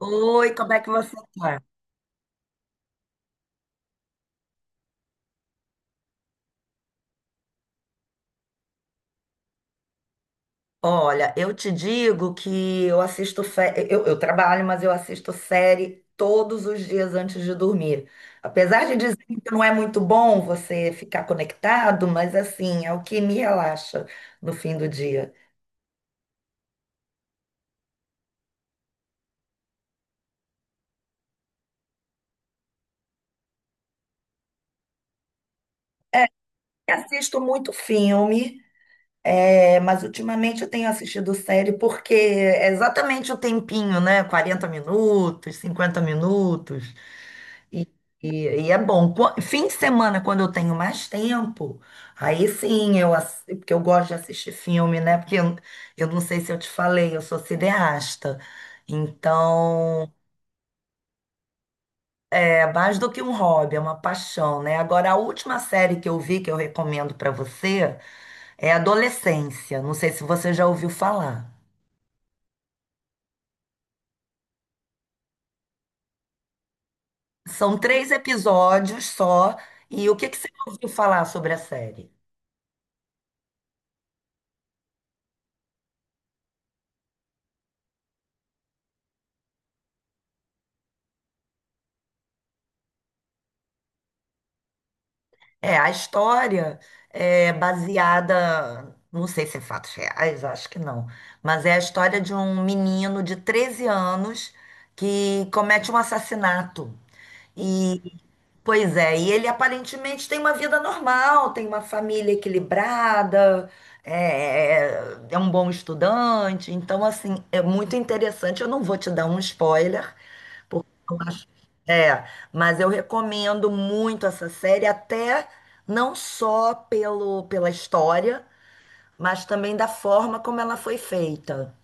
Oi, como é que você tá? Olha, eu te digo que eu trabalho, mas eu assisto série todos os dias antes de dormir. Apesar de dizer que não é muito bom você ficar conectado, mas assim, é o que me relaxa no fim do dia. Eu assisto muito filme, é, mas ultimamente eu tenho assistido série porque é exatamente o tempinho, né? 40 minutos, 50 minutos. E, e- e é bom. Fim de semana, quando eu tenho mais tempo, aí sim porque eu gosto de assistir filme, né? Eu não sei se eu te falei, eu sou cineasta. Então, é mais do que um hobby, é uma paixão, né? Agora, a última série que eu vi, que eu recomendo para você, é Adolescência. Não sei se você já ouviu falar. São três episódios só. E o que que você ouviu falar sobre a série? É, a história é baseada, não sei se em fatos reais, acho que não, mas é a história de um menino de 13 anos que comete um assassinato. E, pois é, e ele aparentemente tem uma vida normal, tem uma família equilibrada, é, é um bom estudante, então, assim, é muito interessante. Eu não vou te dar um spoiler, porque eu acho- É, mas eu recomendo muito essa série, até não só pelo, pela história, mas também da forma como ela foi feita.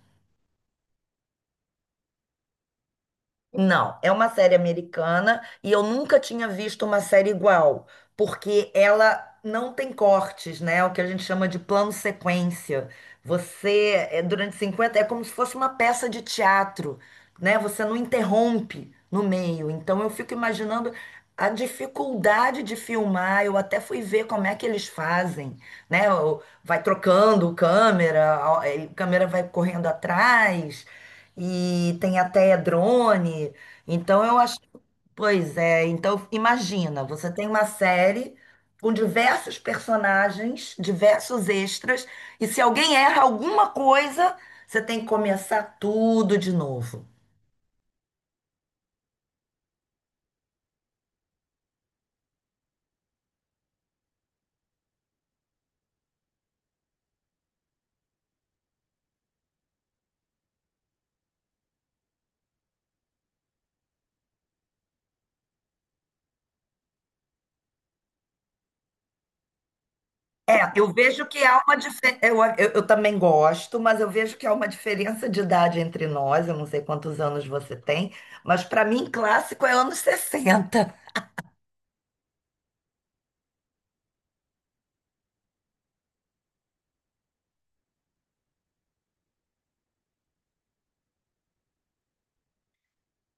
Não, é uma série americana e eu nunca tinha visto uma série igual, porque ela não tem cortes, né? É o que a gente chama de plano sequência. Você, é, durante 50 é como se fosse uma peça de teatro, né? Você não interrompe no meio. Então eu fico imaginando a dificuldade de filmar. Eu até fui ver como é que eles fazem, né? Vai trocando câmera, a câmera vai correndo atrás e tem até drone. Então eu acho, pois é, então imagina, você tem uma série com diversos personagens, diversos extras, e se alguém erra alguma coisa, você tem que começar tudo de novo. É, eu vejo que há uma diferença. Eu também gosto, mas eu vejo que há uma diferença de idade entre nós. Eu não sei quantos anos você tem, mas para mim, clássico é anos 60.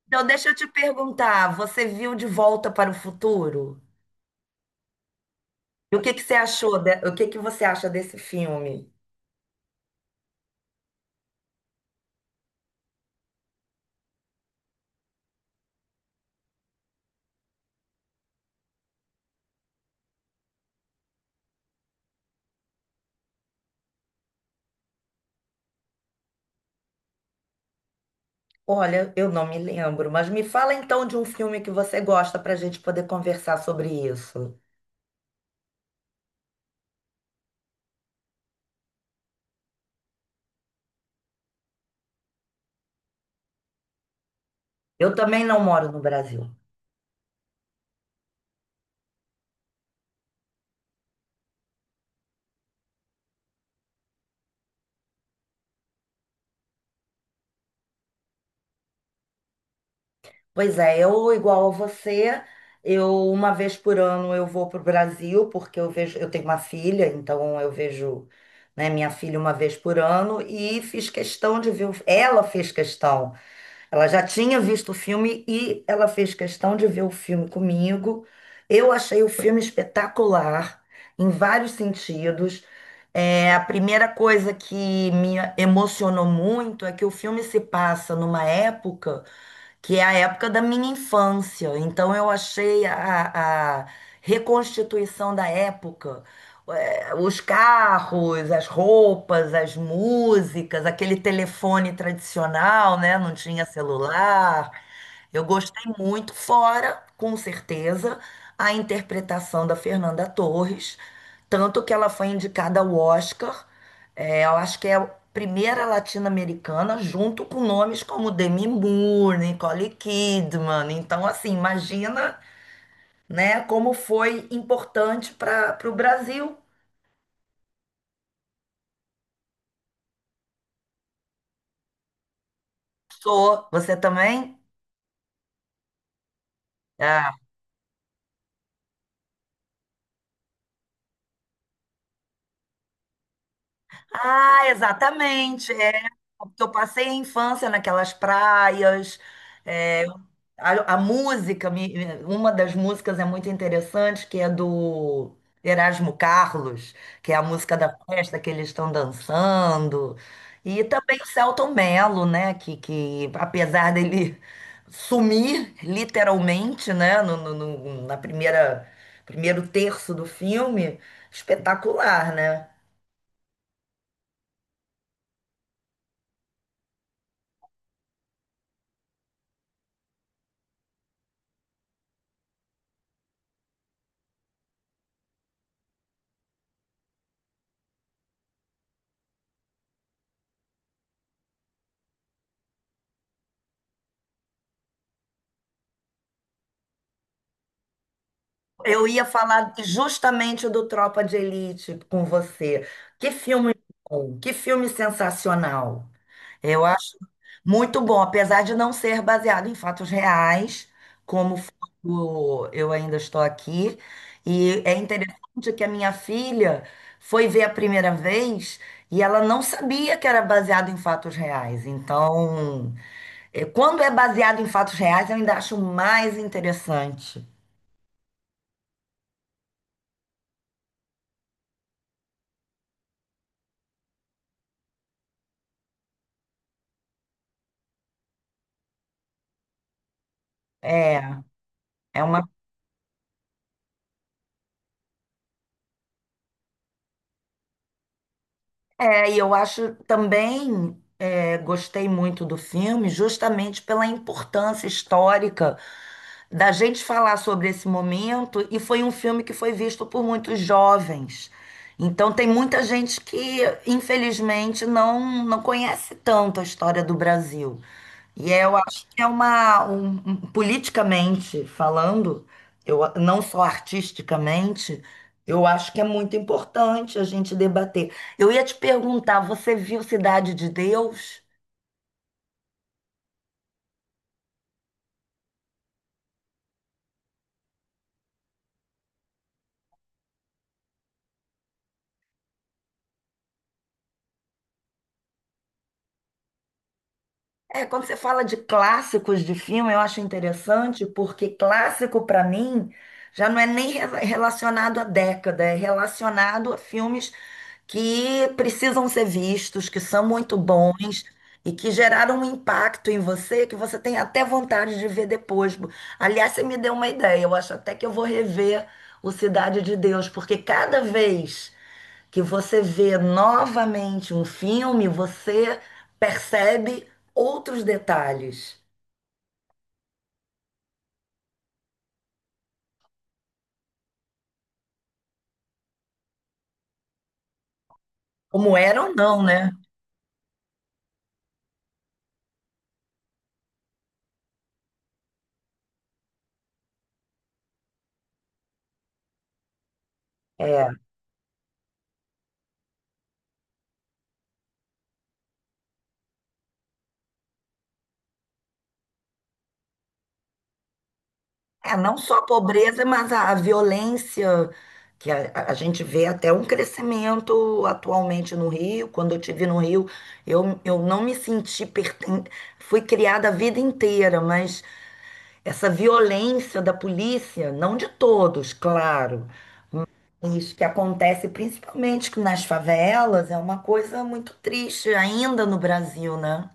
Então, deixa eu te perguntar, você viu De Volta para o Futuro? E o que que você achou, o que que você acha desse filme? Olha, eu não me lembro, mas me fala então de um filme que você gosta para a gente poder conversar sobre isso. Eu também não moro no Brasil. Pois é, eu igual a você, eu uma vez por ano eu vou para o Brasil porque eu vejo, eu tenho uma filha, então eu vejo, né, minha filha uma vez por ano e fiz questão de ver, ela fez questão. Ela já tinha visto o filme e ela fez questão de ver o filme comigo. Eu achei o filme espetacular em vários sentidos. É, a primeira coisa que me emocionou muito é que o filme se passa numa época que é a época da minha infância. Então eu achei a reconstituição da época, os carros, as roupas, as músicas, aquele telefone tradicional, né? Não tinha celular. Eu gostei muito, fora, com certeza, a interpretação da Fernanda Torres, tanto que ela foi indicada ao Oscar. É, eu acho que é a primeira latino-americana, junto com nomes como Demi Moore, Nicole Kidman. Então, assim, imagina, né, como foi importante para o Brasil. Sou. Você também? Ah, ah, exatamente. É, porque eu passei a infância naquelas praias. É, a, a música, me- uma das músicas é muito interessante, que é do Erasmo Carlos, que é a música da festa que eles estão dançando. E também o Selton Mello, né? Que apesar dele sumir literalmente, né? Primeiro terço do filme, espetacular, né? Eu ia falar justamente do Tropa de Elite com você. Que filme bom, que filme sensacional. Eu acho muito bom, apesar de não ser baseado em fatos reais, como foi o Eu Ainda Estou Aqui. E é interessante que a minha filha foi ver a primeira vez e ela não sabia que era baseado em fatos reais. Então, quando é baseado em fatos reais, eu ainda acho mais interessante. É, é uma. É, e eu acho também, é, gostei muito do filme, justamente pela importância histórica da gente falar sobre esse momento, e foi um filme que foi visto por muitos jovens. Então, tem muita gente que, infelizmente, não conhece tanto a história do Brasil. E é, eu acho que é politicamente falando, eu, não só artisticamente, eu acho que é muito importante a gente debater. Eu ia te perguntar, você viu Cidade de Deus? É, quando você fala de clássicos de filme, eu acho interessante, porque clássico para mim já não é nem relacionado à década, é relacionado a filmes que precisam ser vistos, que são muito bons e que geraram um impacto em você que você tem até vontade de ver depois. Aliás, você me deu uma ideia, eu acho até que eu vou rever o Cidade de Deus, porque cada vez que você vê novamente um filme, você percebe outros detalhes, como era ou não, né? É, é não só a pobreza, mas a violência, que a gente vê até um crescimento atualmente no Rio. Quando eu estive no Rio, eu não me senti perten... Fui criada a vida inteira, mas essa violência da polícia, não de todos, claro, isso que acontece principalmente que nas favelas é uma coisa muito triste ainda no Brasil, né?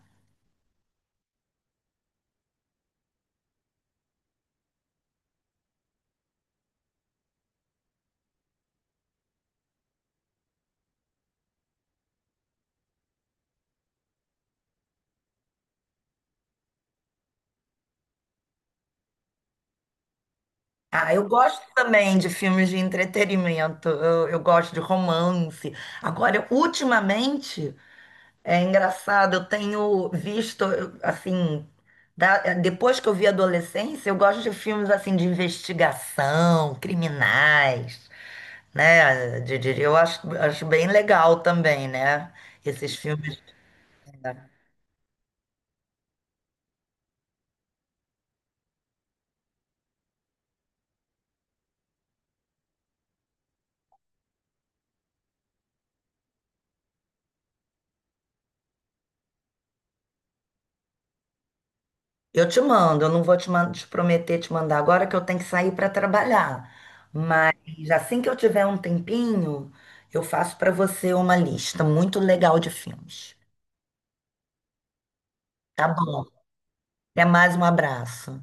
Ah, eu gosto também de filmes de entretenimento, eu gosto de romance. Agora, ultimamente, é engraçado, eu tenho visto, eu, assim, depois que eu vi adolescência, eu gosto de filmes assim de investigação, criminais, né? Eu acho, acho bem legal também, né? Esses filmes. É. Eu te mando, eu não vou te prometer te mandar agora que eu tenho que sair para trabalhar. Mas assim que eu tiver um tempinho, eu faço para você uma lista muito legal de filmes. Tá bom. Até mais, um abraço.